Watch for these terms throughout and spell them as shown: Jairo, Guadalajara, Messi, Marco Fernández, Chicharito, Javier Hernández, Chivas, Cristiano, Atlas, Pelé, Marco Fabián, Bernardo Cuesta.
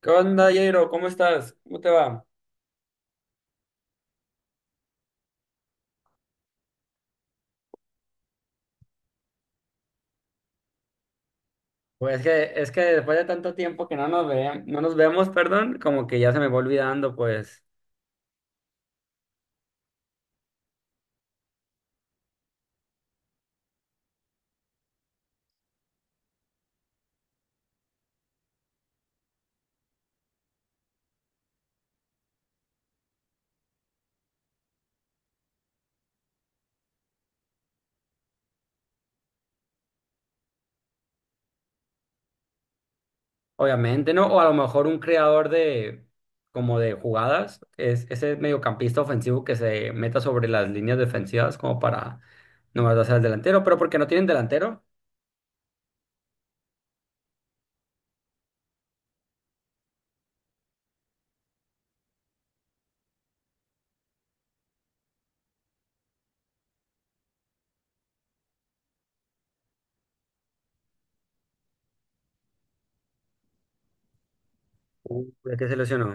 ¿Qué onda, Jairo? ¿Cómo estás? ¿Cómo te va? Pues que, es que después de tanto tiempo que no nos ve, no nos vemos, perdón, como que ya se me va olvidando, pues, obviamente, ¿no? O a lo mejor un creador de, como de jugadas, es ese mediocampista ofensivo que se meta sobre las líneas defensivas como para nomás darse al delantero, pero porque no tienen delantero. Ya que se lesionó.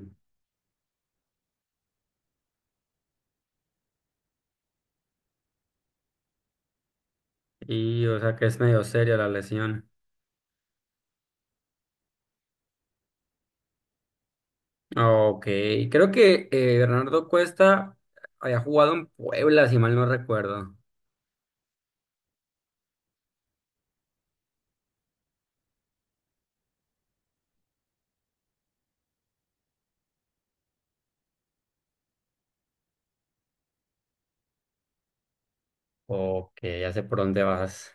Y, o sea, que es medio seria la lesión. Ok, creo que Bernardo Cuesta había jugado en Puebla, si mal no recuerdo. Ok, ya sé por dónde vas.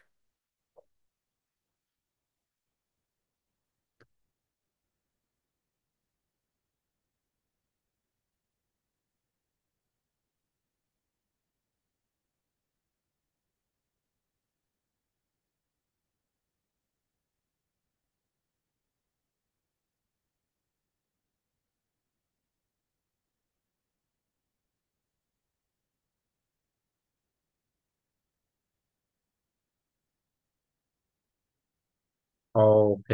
Ok.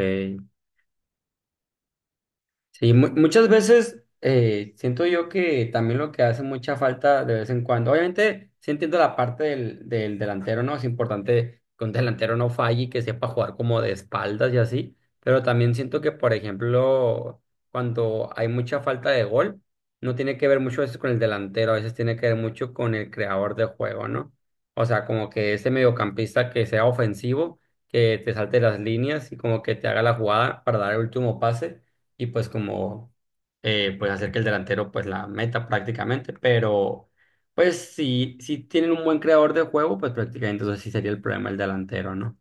Sí, muchas veces siento yo que también lo que hace mucha falta de vez en cuando, obviamente sí entiendo la parte del delantero, ¿no? Es importante que un delantero no falle y que sepa jugar como de espaldas y así, pero también siento que, por ejemplo, cuando hay mucha falta de gol, no tiene que ver mucho a veces con el delantero, a veces tiene que ver mucho con el creador de juego, ¿no? O sea, como que ese mediocampista que sea ofensivo, que te salte las líneas y como que te haga la jugada para dar el último pase y pues como pues hacer que el delantero pues la meta prácticamente, pero pues si tienen un buen creador de juego, pues prácticamente entonces sí sería el problema el delantero, ¿no?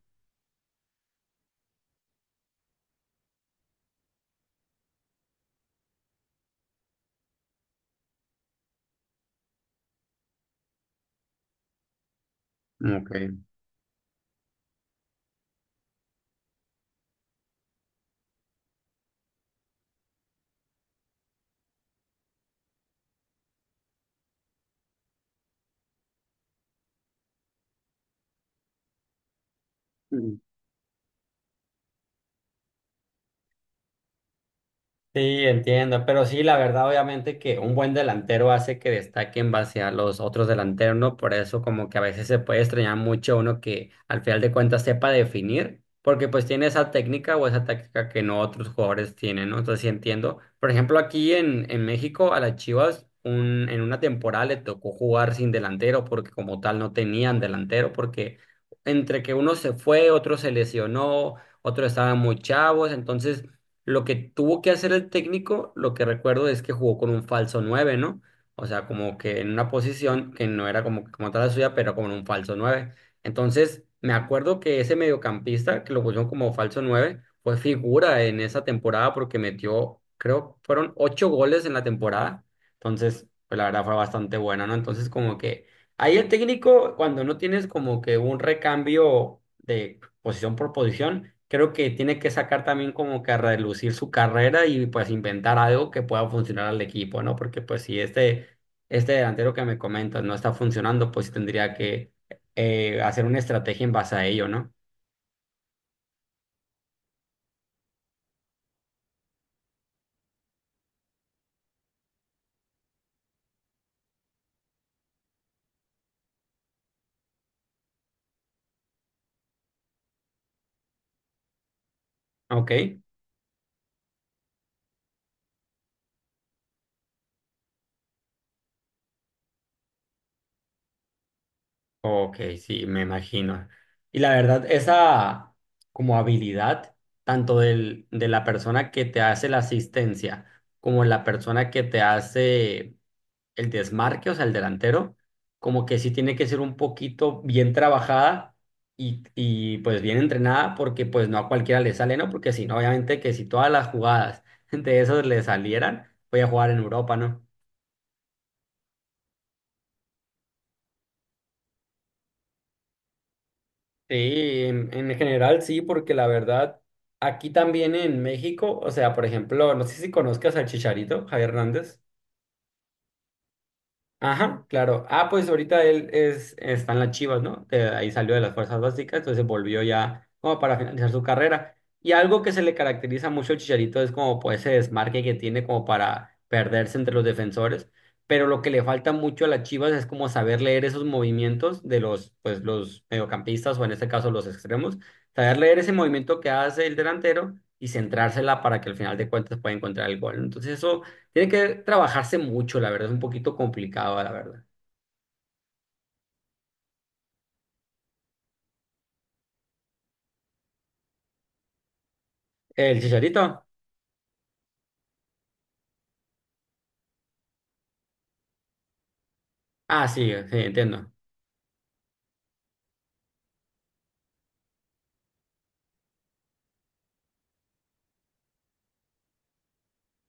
Ok. Sí, entiendo, pero sí, la verdad, obviamente que un buen delantero hace que destaque en base a los otros delanteros, ¿no? Por eso como que a veces se puede extrañar mucho uno que al final de cuentas sepa definir, porque pues tiene esa técnica o esa táctica que no otros jugadores tienen, ¿no? Entonces sí entiendo. Por ejemplo, aquí en México a las Chivas un, en una temporada le tocó jugar sin delantero porque como tal no tenían delantero, porque entre que uno se fue, otro se lesionó, otro estaba muy chavos, entonces... Lo que tuvo que hacer el técnico, lo que recuerdo es que jugó con un falso nueve, ¿no? O sea, como que en una posición que no era como, como tal la suya, pero como en un falso nueve. Entonces, me acuerdo que ese mediocampista, que lo pusieron como falso nueve, fue figura en esa temporada porque metió, creo, fueron 8 goles en la temporada. Entonces, pues la verdad fue bastante buena, ¿no? Entonces, como que ahí el técnico, cuando no tienes como que un recambio de posición por posición, creo que tiene que sacar también como que a relucir su carrera y pues inventar algo que pueda funcionar al equipo, ¿no? Porque pues si este delantero que me comentas no está funcionando, pues sí tendría que hacer una estrategia en base a ello, ¿no? Ok, ok, sí, me imagino. Y la verdad, esa como habilidad, tanto del, de la persona que te hace la asistencia como la persona que te hace el desmarque, o sea, el delantero, como que sí tiene que ser un poquito bien trabajada y pues bien entrenada, porque pues no a cualquiera le sale, ¿no? Porque si no, obviamente que si todas las jugadas de esos le salieran, voy a jugar en Europa, ¿no? Sí, en general sí, porque la verdad, aquí también en México, o sea, por ejemplo, no sé si conozcas al Chicharito, Javier Hernández. Ajá, claro. Ah, pues ahorita él es, está en las Chivas, ¿no? Que ahí salió de las fuerzas básicas, entonces volvió ya como para finalizar su carrera. Y algo que se le caracteriza mucho al Chicharito es como pues ese desmarque que tiene como para perderse entre los defensores. Pero lo que le falta mucho a las Chivas es como saber leer esos movimientos de los, pues, los mediocampistas o en este caso los extremos, saber leer ese movimiento que hace el delantero y centrársela para que al final de cuentas pueda encontrar el gol, ¿no? Entonces eso tiene que trabajarse mucho, la verdad, es un poquito complicado, la verdad. El chicharito. Ah, sí, sí, entiendo.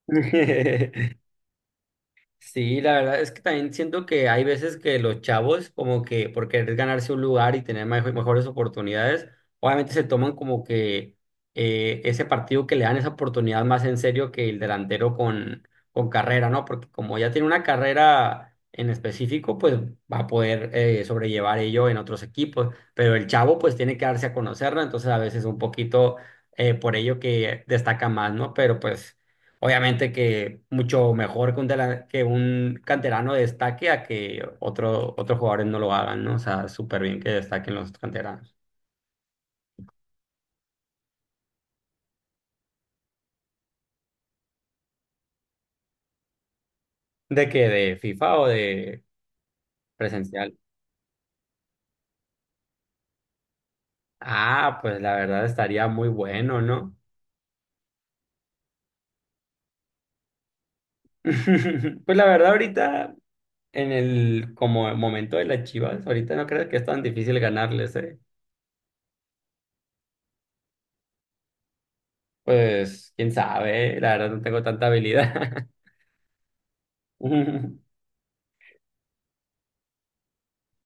Sí, la verdad es que también siento que hay veces que los chavos, como que por querer ganarse un lugar y tener mejores oportunidades, obviamente se toman como que ese partido que le dan esa oportunidad más en serio que el delantero con carrera, ¿no? Porque como ya tiene una carrera en específico, pues va a poder sobrellevar ello en otros equipos, pero el chavo pues tiene que darse a conocerlo, entonces a veces un poquito por ello que destaca más, ¿no? Pero pues... Obviamente que mucho mejor que un, que un canterano destaque a que otro, otros jugadores no lo hagan, ¿no? O sea, súper bien que destaquen los canteranos. ¿De qué? ¿De FIFA o de presencial? Ah, pues la verdad estaría muy bueno, ¿no? Pues la verdad ahorita, en el como momento de las Chivas, ahorita no creo que es tan difícil ganarles, ¿eh? Pues quién sabe, la verdad no tengo tanta habilidad.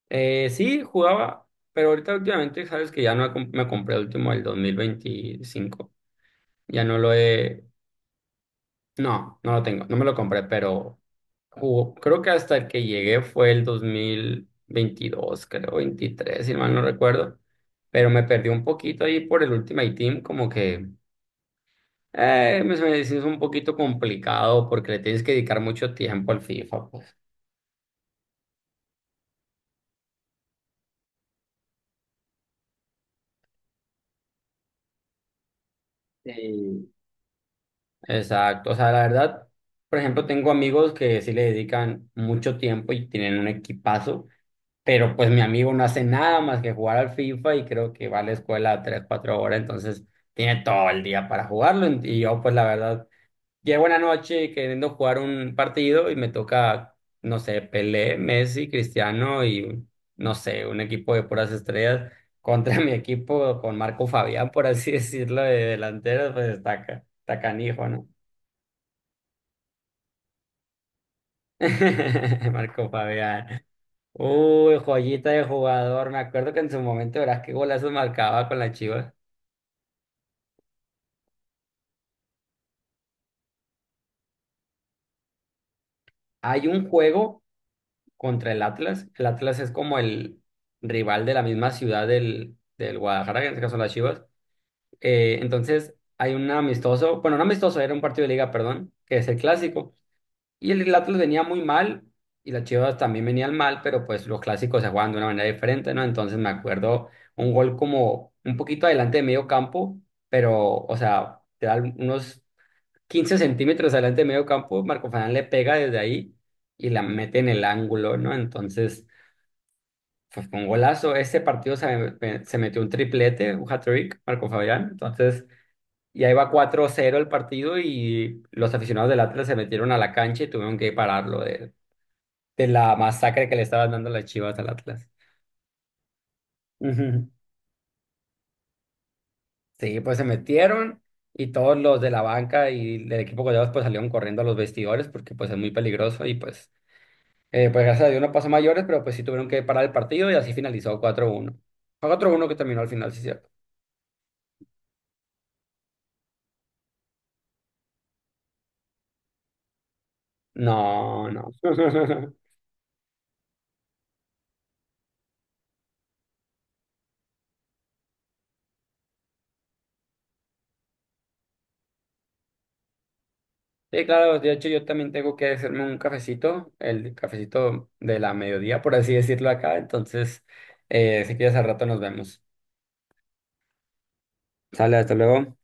Sí, jugaba, pero ahorita últimamente sabes que ya no he me compré el último del 25. Ya no lo he... No, no lo tengo, no me lo compré, pero jugó. Creo que hasta el que llegué fue el 2022, creo, 23, si mal no recuerdo. Pero me perdí un poquito ahí por el Ultimate Team, como que se me hizo un poquito complicado porque le tienes que dedicar mucho tiempo al FIFA, pues. Sí. Exacto, o sea, la verdad, por ejemplo, tengo amigos que sí le dedican mucho tiempo y tienen un equipazo, pero pues mi amigo no hace nada más que jugar al FIFA y creo que va a la escuela tres, cuatro horas, entonces tiene todo el día para jugarlo y yo pues la verdad, llego una noche queriendo jugar un partido y me toca, no sé, Pelé, Messi, Cristiano y no sé, un equipo de puras estrellas contra mi equipo con Marco Fabián, por así decirlo, de delantero, pues está, está canijo, ¿no? Marco Fabián. Uy, joyita de jugador. Me acuerdo que en su momento verás qué golazos marcaba con la Chivas. Hay un juego contra el Atlas. El Atlas es como el rival de la misma ciudad del Guadalajara, que en este caso las Chivas. Entonces hay un amistoso, bueno, no amistoso, era un partido de liga, perdón, que es el clásico. Y el Atlas venía muy mal y las Chivas también venían mal, pero pues los clásicos se juegan de una manera diferente, ¿no? Entonces me acuerdo un gol como un poquito adelante de medio campo, pero, o sea, te da unos 15 centímetros adelante de medio campo, Marco Fernández le pega desde ahí y la mete en el ángulo, ¿no? Entonces pues fue un golazo. Este partido se metió un triplete, un hat-trick, Marco Fabián. Entonces... Y ahí va 4-0 el partido y los aficionados del Atlas se metieron a la cancha y tuvieron que pararlo. De la masacre que le estaban dando las Chivas al Atlas. Ujú. Sí, pues se metieron y todos los de la banca y del equipo goleados pues salieron corriendo a los vestidores porque pues es muy peligroso y pues, pues gracias a Dios no pasó a mayores, pero pues sí tuvieron que parar el partido y así finalizó 4-1. Fue 4-1 que terminó al final, sí, es cierto. No, no. Sí, claro, de hecho yo también tengo que hacerme un cafecito, el cafecito de la mediodía, por así decirlo acá, entonces, si quieres al rato nos vemos. Sale, hasta luego.